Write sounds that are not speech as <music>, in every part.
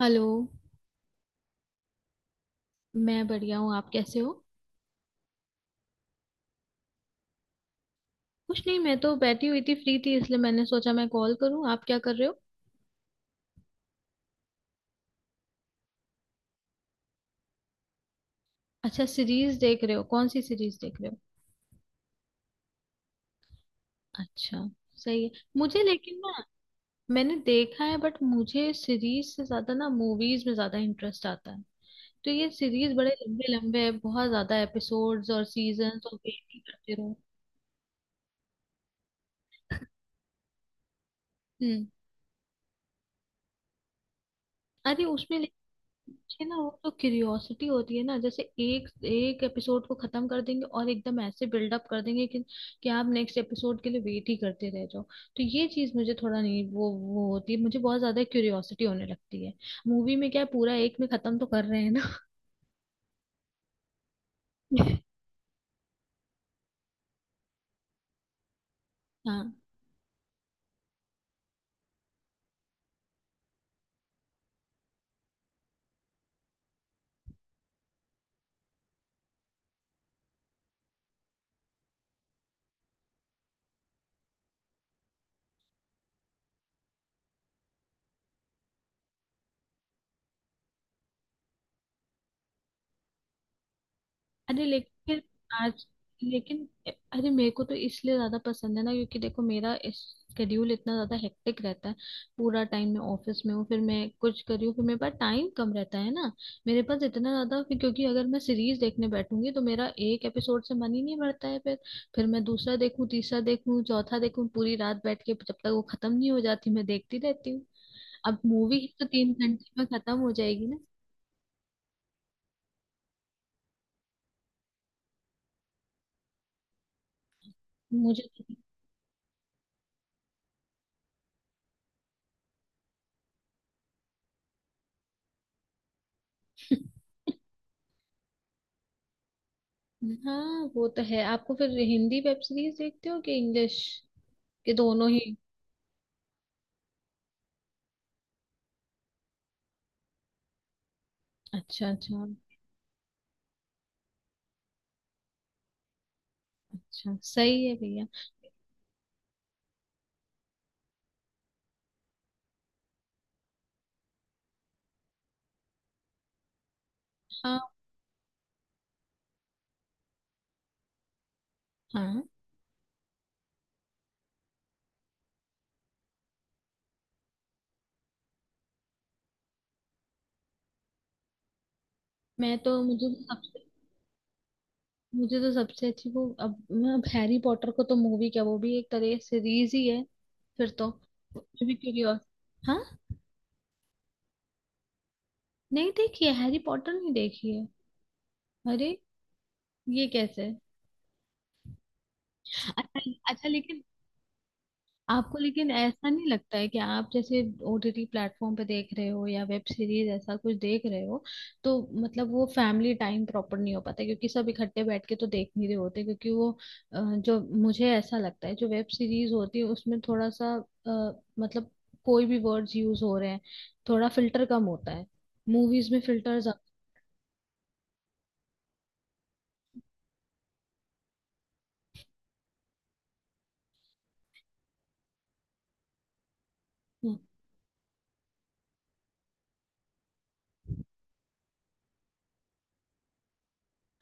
Hello. मैं बढ़िया हूँ, आप कैसे हो? कुछ नहीं, मैं तो बैठी हुई थी, फ्री थी इसलिए मैंने सोचा मैं कॉल करूँ। आप क्या कर रहे हो? अच्छा, सीरीज देख रहे हो? कौन सी सीरीज देख रहे हो? अच्छा। सही है। मुझे लेकिन ना, मैंने देखा है बट मुझे सीरीज से ज्यादा ना मूवीज में ज्यादा इंटरेस्ट आता है। तो ये सीरीज बड़े लंबे लंबे है, बहुत ज्यादा एपिसोड्स और सीजन, और वेट ही करते रहो। हम्म। अरे उसमें ये ना, वो तो क्यूरियोसिटी होती है ना, जैसे एक एक एपिसोड को खत्म कर देंगे और एकदम ऐसे बिल्डअप कर देंगे कि आप नेक्स्ट एपिसोड के लिए वेट ही करते रह जाओ। तो ये चीज मुझे थोड़ा नहीं वो होती है, मुझे बहुत ज्यादा क्यूरियोसिटी होने लगती है। मूवी में क्या है, पूरा एक में खत्म तो कर रहे हैं ना। <laughs> हाँ। अरे लेकिन फिर आज लेकिन अरे, मेरे को तो इसलिए ज्यादा पसंद है ना क्योंकि देखो मेरा स्केड्यूल इतना ज्यादा हेक्टिक रहता है। पूरा टाइम मैं ऑफिस में हूँ, फिर मैं कुछ कर रही हूँ, फिर मेरे पास टाइम कम रहता है ना। मेरे पास इतना ज्यादा फिर क्योंकि अगर मैं सीरीज देखने बैठूंगी तो मेरा एक एपिसोड से मन ही नहीं भरता है फिर। फिर मैं दूसरा देखूँ तीसरा देखूँ चौथा देखूँ, पूरी रात बैठ के जब तक वो खत्म नहीं हो जाती मैं देखती रहती हूँ। अब मूवी तो 3 घंटे में खत्म हो जाएगी ना। मुझे तो हाँ, वो तो है। आपको फिर हिंदी वेब सीरीज देखते हो कि इंग्लिश के? दोनों ही? अच्छा अच्छा। अच्छा सही है भैया। हाँ। हाँ। मैं तो मुझे तो सबसे अच्छी वो, अब मैं अब हैरी पॉटर को तो मूवी क्या वो भी एक तरह सीरीज ही है फिर तो। मुझे भी क्यूरियस। हाँ। नहीं देखी है, हैरी पॉटर नहीं देखी है। अरे ये कैसे? अच्छा अच्छा, लेकिन आपको लेकिन ऐसा नहीं लगता है कि आप जैसे ओटीटी प्लेटफॉर्म पे देख रहे हो या वेब सीरीज ऐसा कुछ देख रहे हो, तो मतलब वो फैमिली टाइम प्रॉपर नहीं हो पाता क्योंकि सब इकट्ठे बैठ के तो देख नहीं रहे होते क्योंकि वो जो मुझे ऐसा लगता है जो वेब सीरीज होती है उसमें थोड़ा सा मतलब कोई भी वर्ड्स यूज हो रहे हैं, थोड़ा फिल्टर कम होता है, मूवीज में फिल्टर ज्यादा।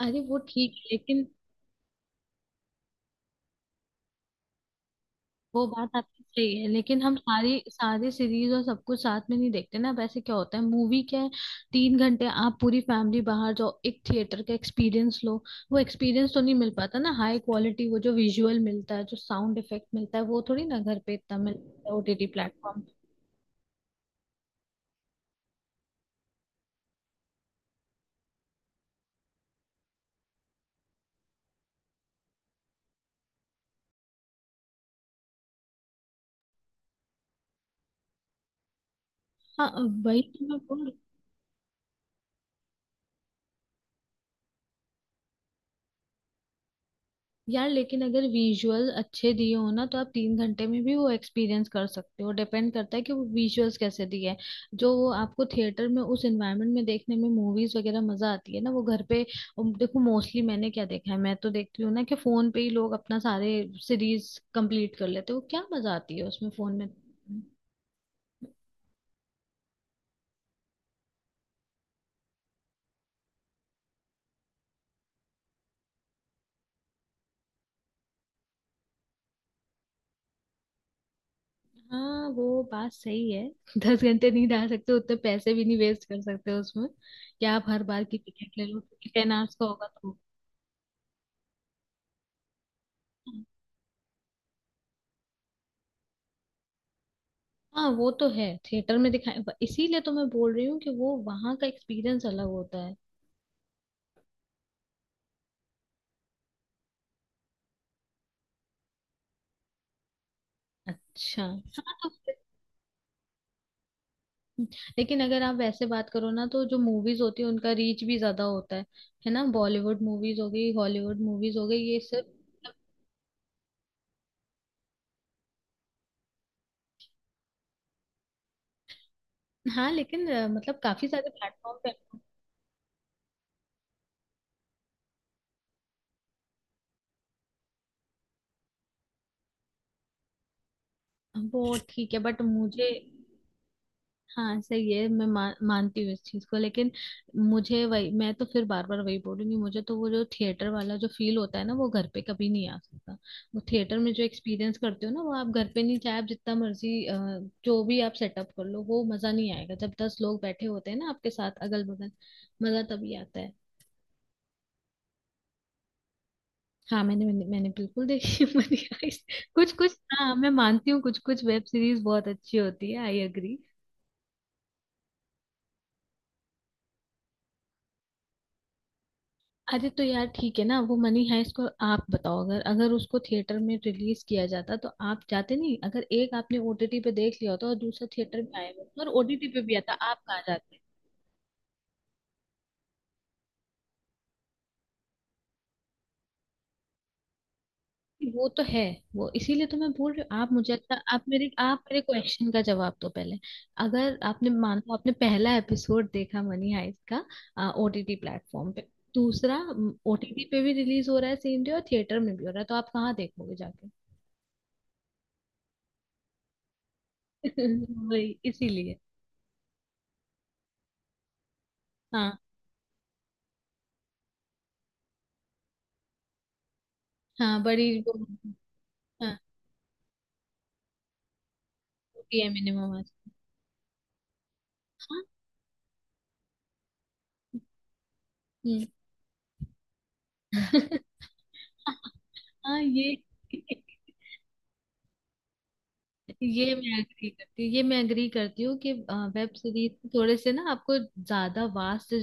अरे वो ठीक है लेकिन। वो बात आपकी सही है लेकिन हम सारी सारी सीरीज और सब कुछ साथ में नहीं देखते ना। वैसे क्या होता है मूवी क्या है, 3 घंटे आप पूरी फैमिली बाहर जाओ, एक थिएटर का एक्सपीरियंस लो। वो एक्सपीरियंस तो नहीं मिल पाता ना, हाई क्वालिटी वो जो विजुअल मिलता है जो साउंड इफेक्ट मिलता है, वो थोड़ी ना घर पे इतना मिलता है ओटीटी प्लेटफॉर्म। हाँ, वही तो मैं बोल। यार लेकिन अगर विजुअल अच्छे दिए हो ना तो आप 3 घंटे में भी वो एक्सपीरियंस कर सकते हो, डिपेंड करता है कि वो विजुअल्स कैसे दिए हैं। जो वो आपको थिएटर में उस एनवायरनमेंट में देखने में मूवीज वगैरह मजा आती है ना वो घर पे। देखो मोस्टली मैंने क्या देखा है, मैं तो देखती हूँ ना कि फोन पे ही लोग अपना सारे सीरीज कंप्लीट कर लेते हैं, वो क्या मजा आती है उसमें फोन में। हाँ वो बात सही है। <laughs> 10 घंटे नहीं डाल सकते, उतने पैसे भी नहीं वेस्ट कर सकते उसमें। क्या आप हर बार की टिकट ले लो 10 आवर्स का होगा तो। हाँ वो तो है, थिएटर में दिखाए, इसीलिए तो मैं बोल रही हूँ कि वो वहां का एक्सपीरियंस अलग होता है। अच्छा हाँ, तो फिर- लेकिन अगर आप वैसे बात करो ना तो जो मूवीज होती है उनका रीच भी ज्यादा होता है। है ना, बॉलीवुड मूवीज हो गई, हॉलीवुड मूवीज हो गई, ये सब। मतलब हाँ लेकिन मतलब काफी सारे प्लेटफॉर्म पे। वो ठीक है बट मुझे। हाँ सही है मैं मान मानती हूँ इस चीज को लेकिन मुझे वही, मैं तो फिर बार बार वही बोलूंगी, मुझे तो वो जो थिएटर वाला जो फील होता है ना वो घर पे कभी नहीं आ सकता। वो थिएटर में जो एक्सपीरियंस करते हो ना वो आप घर पे नहीं, चाहे आप जितना मर्जी जो भी आप सेटअप कर लो वो मजा नहीं आएगा, जब 10 लोग बैठे होते हैं ना आपके साथ अगल बगल, मजा तभी आता है। हाँ मैंने मैंने, मैंने बिल्कुल देखी है। <laughs> मनी हाइस्ट कुछ कुछ हाँ मैं मानती हूँ, कुछ कुछ वेब सीरीज बहुत अच्छी होती है, आई एग्री। अरे तो यार ठीक है ना, वो मनी हाइस्ट को आप बताओ अगर अगर उसको थिएटर में रिलीज किया जाता तो आप जाते नहीं? अगर एक आपने ओटीटी पे देख लिया होता और दूसरा थिएटर में आया होता और ओटीटी पे भी आता, आप कहाँ जाते? वो तो है। वो इसीलिए तो मैं बोल रही हूँ, आप मुझे अच्छा आप मेरे क्वेश्चन का जवाब दो पहले। अगर आपने मान लो आपने पहला एपिसोड देखा मनी हाइस्ट का ओटीटी प्लेटफॉर्म पे, दूसरा ओटीटी पे भी रिलीज हो रहा है सेम डे और थिएटर में भी हो रहा है, तो आप कहाँ देखोगे जाके? <laughs> वही इसीलिए। हाँ। हाँ बड़ी वो। हाँ होती है, मिनिमम आज। हाँ। हम्म। <laughs> हाँ ये। ये मैं एग्री करती हूँ, ये मैं एग्री करती हूँ कि वेब सीरीज थोड़े से ना आपको ज्यादा वास्ट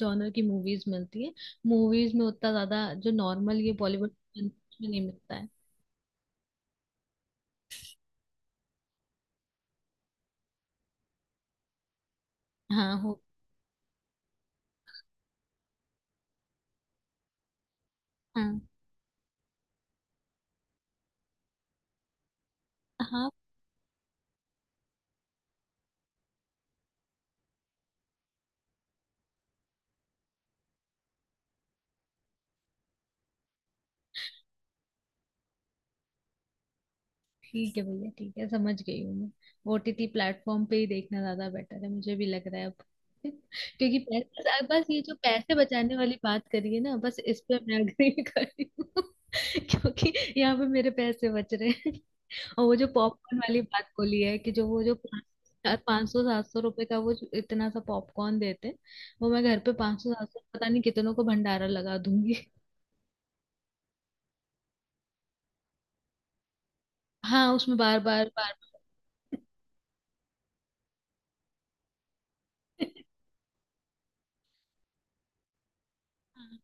जॉनर की मूवीज मिलती है, मूवीज में उतना ज्यादा जो नॉर्मल ये बॉलीवुड में नहीं मिलता है। हाँ हो। हाँ। हाँ ठीक है भैया, ठीक है, समझ गई हूँ मैं, ओटीटी प्लेटफॉर्म पे ही देखना ज्यादा बेटर है, मुझे भी लग रहा है अब। <laughs> क्योंकि पैसे, बस ये जो पैसे बचाने वाली बात करी है ना, बस इस पे मैं अग्री <laughs> कर रही हूँ <laughs> क्योंकि यहाँ पे मेरे पैसे बच रहे हैं। <laughs> और वो जो पॉपकॉर्न वाली बात बोली है कि जो वो जो 500 700 रुपए का वो जो इतना सा पॉपकॉर्न देते हैं, वो मैं घर पे 500 700 पता नहीं कितनों को भंडारा लगा दूंगी। <laughs> हाँ उसमें बार बार बार बार- हाँ,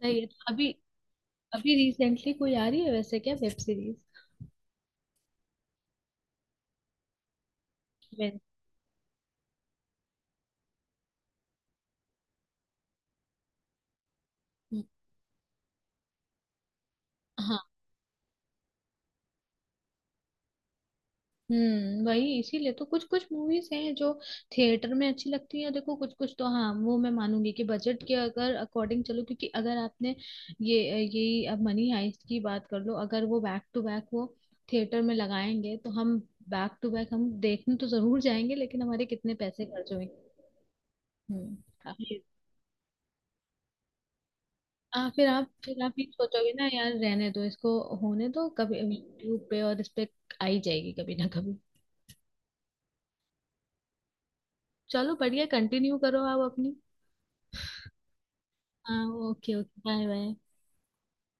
सही है तो अभी, अभी रिसेंटली कोई आ रही है वैसे क्या वेब सीरीज? वेब। हाँ। हम्म, वही इसीलिए तो कुछ कुछ मूवीज हैं जो थिएटर में अच्छी लगती हैं देखो, कुछ कुछ तो हाँ वो मैं मानूंगी कि बजट के अगर अकॉर्डिंग चलो क्योंकि अगर आपने ये यही, अब मनी हाइस्ट की बात कर लो, अगर वो बैक टू बैक वो थिएटर में लगाएंगे तो हम बैक टू बैक हम देखने तो जरूर जाएंगे लेकिन हमारे कितने पैसे खर्च होंगे? हम्म। फिर आप ये सोचोगे ना यार रहने दो इसको, होने दो, कभी यूट्यूब पे और इस पे आई जाएगी कभी ना कभी। चलो बढ़िया, कंटिन्यू करो आप अपनी। हाँ ओके। Okay bye bye.